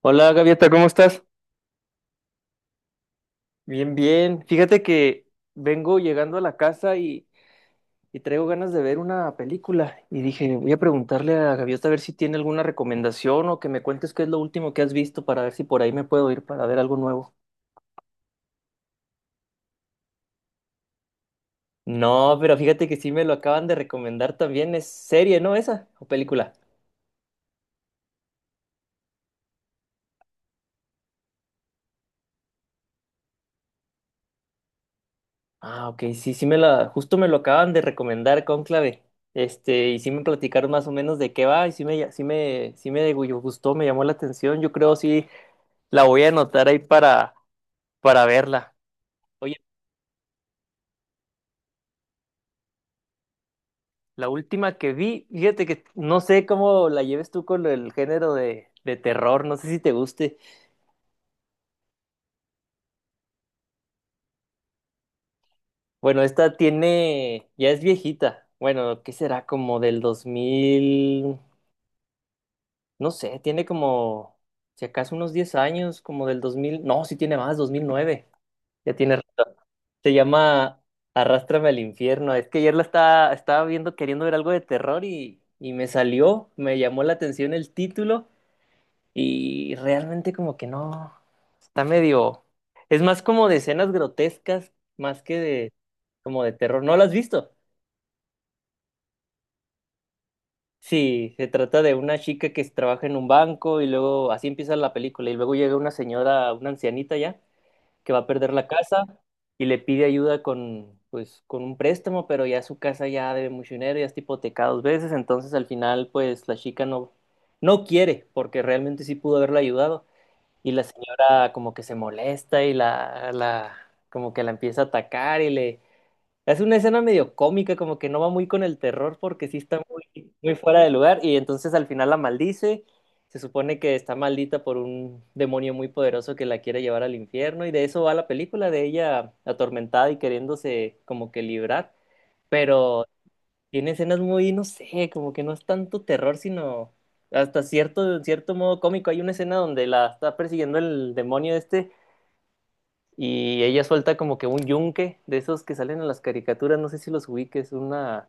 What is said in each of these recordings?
Hola Gaviota, ¿cómo estás? Bien, bien. Fíjate que vengo llegando a la casa y traigo ganas de ver una película. Y dije, voy a preguntarle a Gaviota a ver si tiene alguna recomendación o que me cuentes qué es lo último que has visto para ver si por ahí me puedo ir para ver algo nuevo. No, pero fíjate que sí me lo acaban de recomendar también. Es serie, ¿no? ¿Esa? ¿O película? Ah, ok, sí, justo me lo acaban de recomendar Cónclave. Este, y sí me platicaron más o menos de qué va, y sí me gustó, me llamó la atención. Yo creo sí. La voy a anotar ahí para verla. Oye, la última que vi, fíjate que no sé cómo la lleves tú con el género de terror, no sé si te guste. Bueno, esta tiene, ya es viejita. Bueno, ¿qué será? ¿Como del 2000? No sé, tiene como, si acaso unos 10 años, como del 2000. No, sí tiene más, 2009. Ya tiene rato. Se llama Arrástrame al infierno. Es que ayer estaba viendo, queriendo ver algo de terror y me salió, me llamó la atención el título y realmente como que no, está medio... Es más como de escenas grotescas, más que de como de terror. ¿No lo has visto? Sí, se trata de una chica que trabaja en un banco y luego así empieza la película y luego llega una señora, una ancianita ya, que va a perder la casa y le pide ayuda con, pues, con un préstamo, pero ya su casa ya debe mucho dinero, ya está hipotecada dos veces, entonces al final, pues, la chica no, no quiere, porque realmente sí pudo haberla ayudado, y la señora como que se molesta y como que la empieza a atacar y le es una escena medio cómica, como que no va muy con el terror porque sí está muy fuera de lugar y entonces al final la maldice. Se supone que está maldita por un demonio muy poderoso que la quiere llevar al infierno y de eso va la película, de ella atormentada y queriéndose como que librar, pero tiene escenas muy, no sé, como que no es tanto terror, sino en cierto modo cómico. Hay una escena donde la está persiguiendo el demonio este y ella suelta como que un yunque de esos que salen en las caricaturas, no sé si los ubiques, una...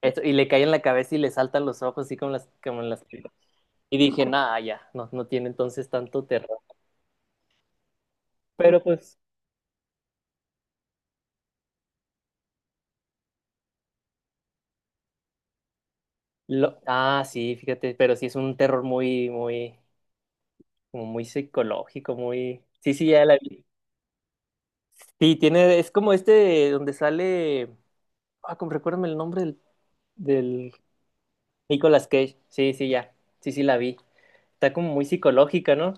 Y le cae en la cabeza y le saltan los ojos, así como en las... Y dije, nada, ya, no, no tiene entonces tanto terror. Pero pues... Lo... Ah, sí, fíjate, pero sí es un terror como muy psicológico, muy... Sí, sí, ya la vi. Sí, tiene, es como este donde sale... Ah, como recuérdame el nombre del... Nicolas Cage. Sí, sí, ya. Sí, sí, la vi. Está como muy psicológica, ¿no?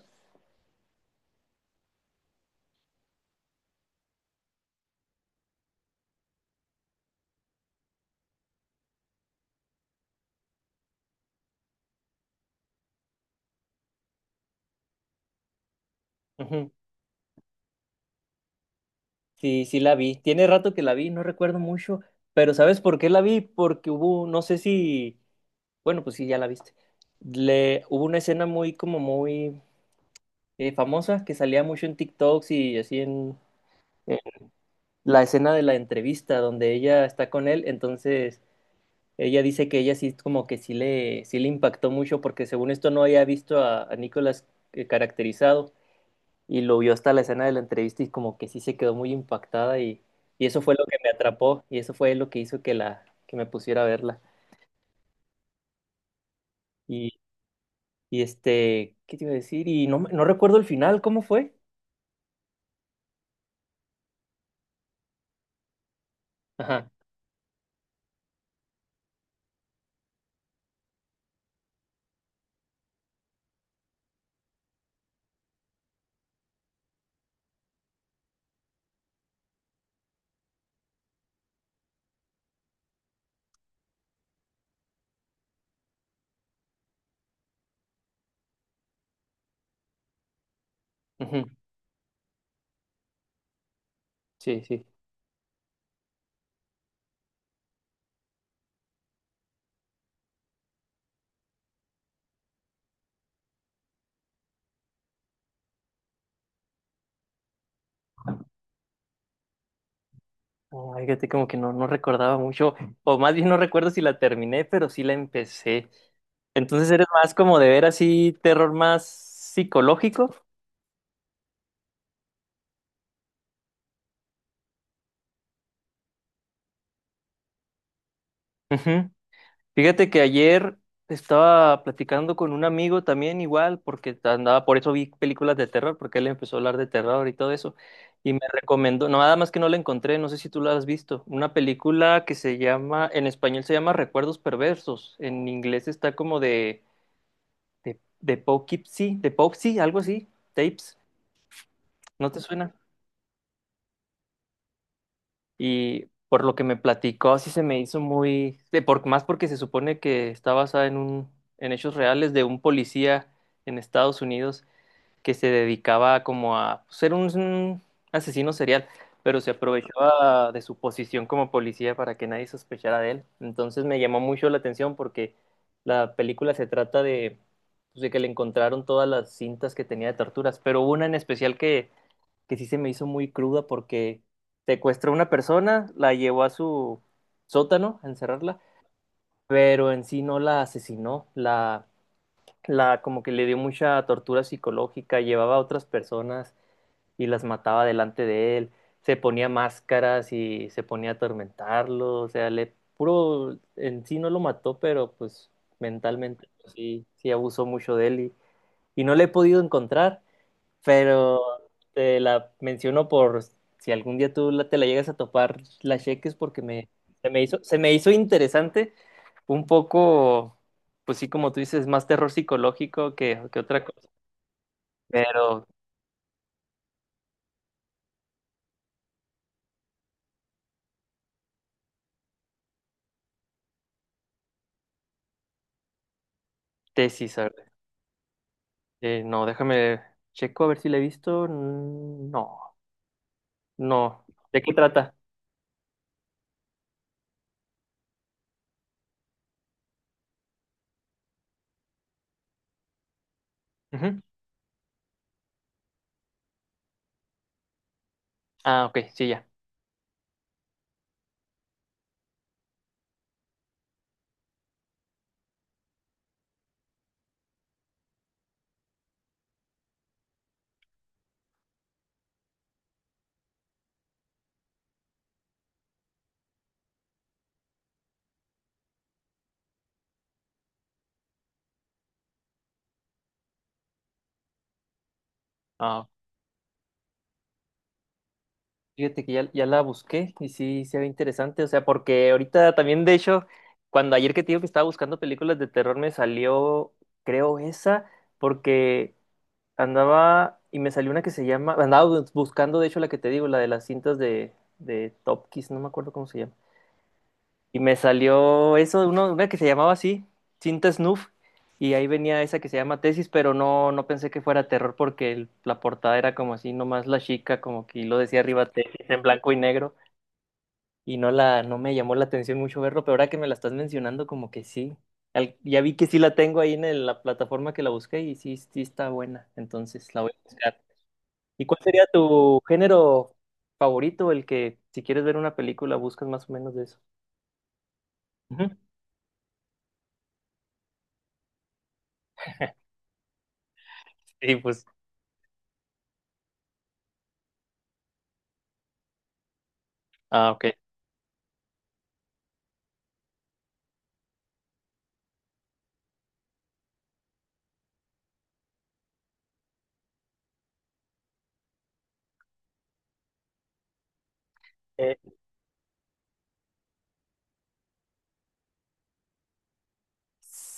Ujú. Sí, sí la vi. Tiene rato que la vi, no recuerdo mucho, pero ¿sabes por qué la vi? Porque hubo, no sé si, bueno, pues sí, ya la viste. Le, hubo una escena muy, como muy famosa que salía mucho en TikToks y así en la escena de la entrevista donde ella está con él, entonces ella dice que ella sí, como que sí le impactó mucho porque según esto no había visto a Nicolas caracterizado, y lo vio hasta la escena de la entrevista y como que sí se quedó muy impactada y eso fue lo que me atrapó y eso fue lo que hizo que la que me pusiera a verla. Y, y este, ¿qué te iba a decir? Y no, no recuerdo el final, ¿cómo fue? Ajá. Ujú. Sí, sí. Ay, fíjate, como que no, no recordaba mucho, o más bien no recuerdo si la terminé, pero sí la empecé. Entonces eres más como de ver así terror más psicológico. Ujú. Fíjate que ayer estaba platicando con un amigo también igual, porque andaba, por eso vi películas de terror, porque él empezó a hablar de terror y todo eso, y me recomendó, no, nada más que no la encontré, no sé si tú la has visto, una película que se llama, en español se llama Recuerdos Perversos, en inglés está como de Poughkeepsie, algo así, tapes, ¿no te suena? Y por lo que me platicó, sí se me hizo muy, de por, más porque se supone que está basada en en hechos reales de un policía en Estados Unidos que se dedicaba como a ser un asesino serial, pero se aprovechaba de su posición como policía para que nadie sospechara de él. Entonces me llamó mucho la atención porque la película se trata de, pues, de que le encontraron todas las cintas que tenía de torturas, pero hubo una en especial que sí se me hizo muy cruda porque secuestró a una persona, la llevó a su sótano a encerrarla, pero en sí no la asesinó, la como que le dio mucha tortura psicológica, llevaba a otras personas y las mataba delante de él, se ponía máscaras y se ponía a atormentarlo, o sea, le puro, en sí no lo mató, pero pues mentalmente pues, sí, sí abusó mucho de él y no le he podido encontrar pero te la menciono por si algún día te la llegas a topar, la cheques porque me, se me hizo interesante, un poco, pues sí, como tú dices, más terror psicológico que otra cosa, pero Tesis, a ver, no, déjame, checo a ver si la he visto, no, no, ¿de qué trata? Ujú. Ah, ok, sí, ya. Ah, fíjate que ya, ya la busqué y sí se ve interesante, o sea, porque ahorita también, de hecho, cuando ayer que te digo que estaba buscando películas de terror, me salió, creo, esa, porque andaba y me salió una que se llama, buscando, de hecho, la que te digo, la de las cintas de Top Kiss, no me acuerdo cómo se llama, y me salió eso, uno, una que se llamaba así, cinta Snuff, y ahí venía esa que se llama Tesis, pero no, no pensé que fuera terror porque la portada era como así, nomás la chica, como que lo decía arriba Tesis en blanco y negro y no la, no me llamó la atención mucho verlo, pero ahora que me la estás mencionando, como que sí. Ya vi que sí la tengo ahí en la plataforma que la busqué y sí, sí está buena, entonces la voy a buscar. ¿Y cuál sería tu género favorito, el que si quieres ver una película buscas más o menos de eso? Ujú. Sí, pues. Ah, ok. Eh,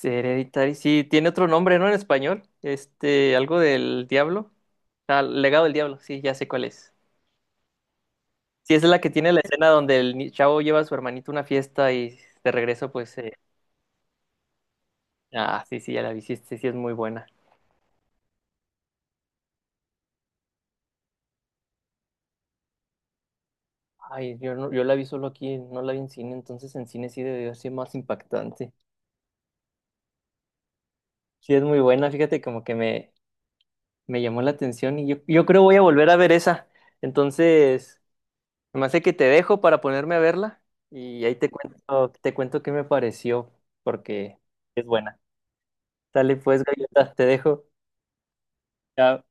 Hereditary, sí, tiene otro nombre, ¿no? En español, este, algo del diablo. Ah, legado del diablo, sí, ya sé cuál es. Sí, esa es la que tiene la escena donde el ni- chavo lleva a su hermanito a una fiesta y de regreso, pues, ah, sí, sí, ya la vi. Sí, sí, sí es muy buena. Ay, no, yo la vi solo aquí, no la vi en cine, entonces en cine sí debió ser más impactante. Sí, es muy buena, fíjate, como que me llamó la atención y yo creo voy a volver a ver esa. Entonces, me hace que te dejo para ponerme a verla y ahí te cuento qué me pareció, porque es buena. Dale pues, galleta, te dejo. Chao.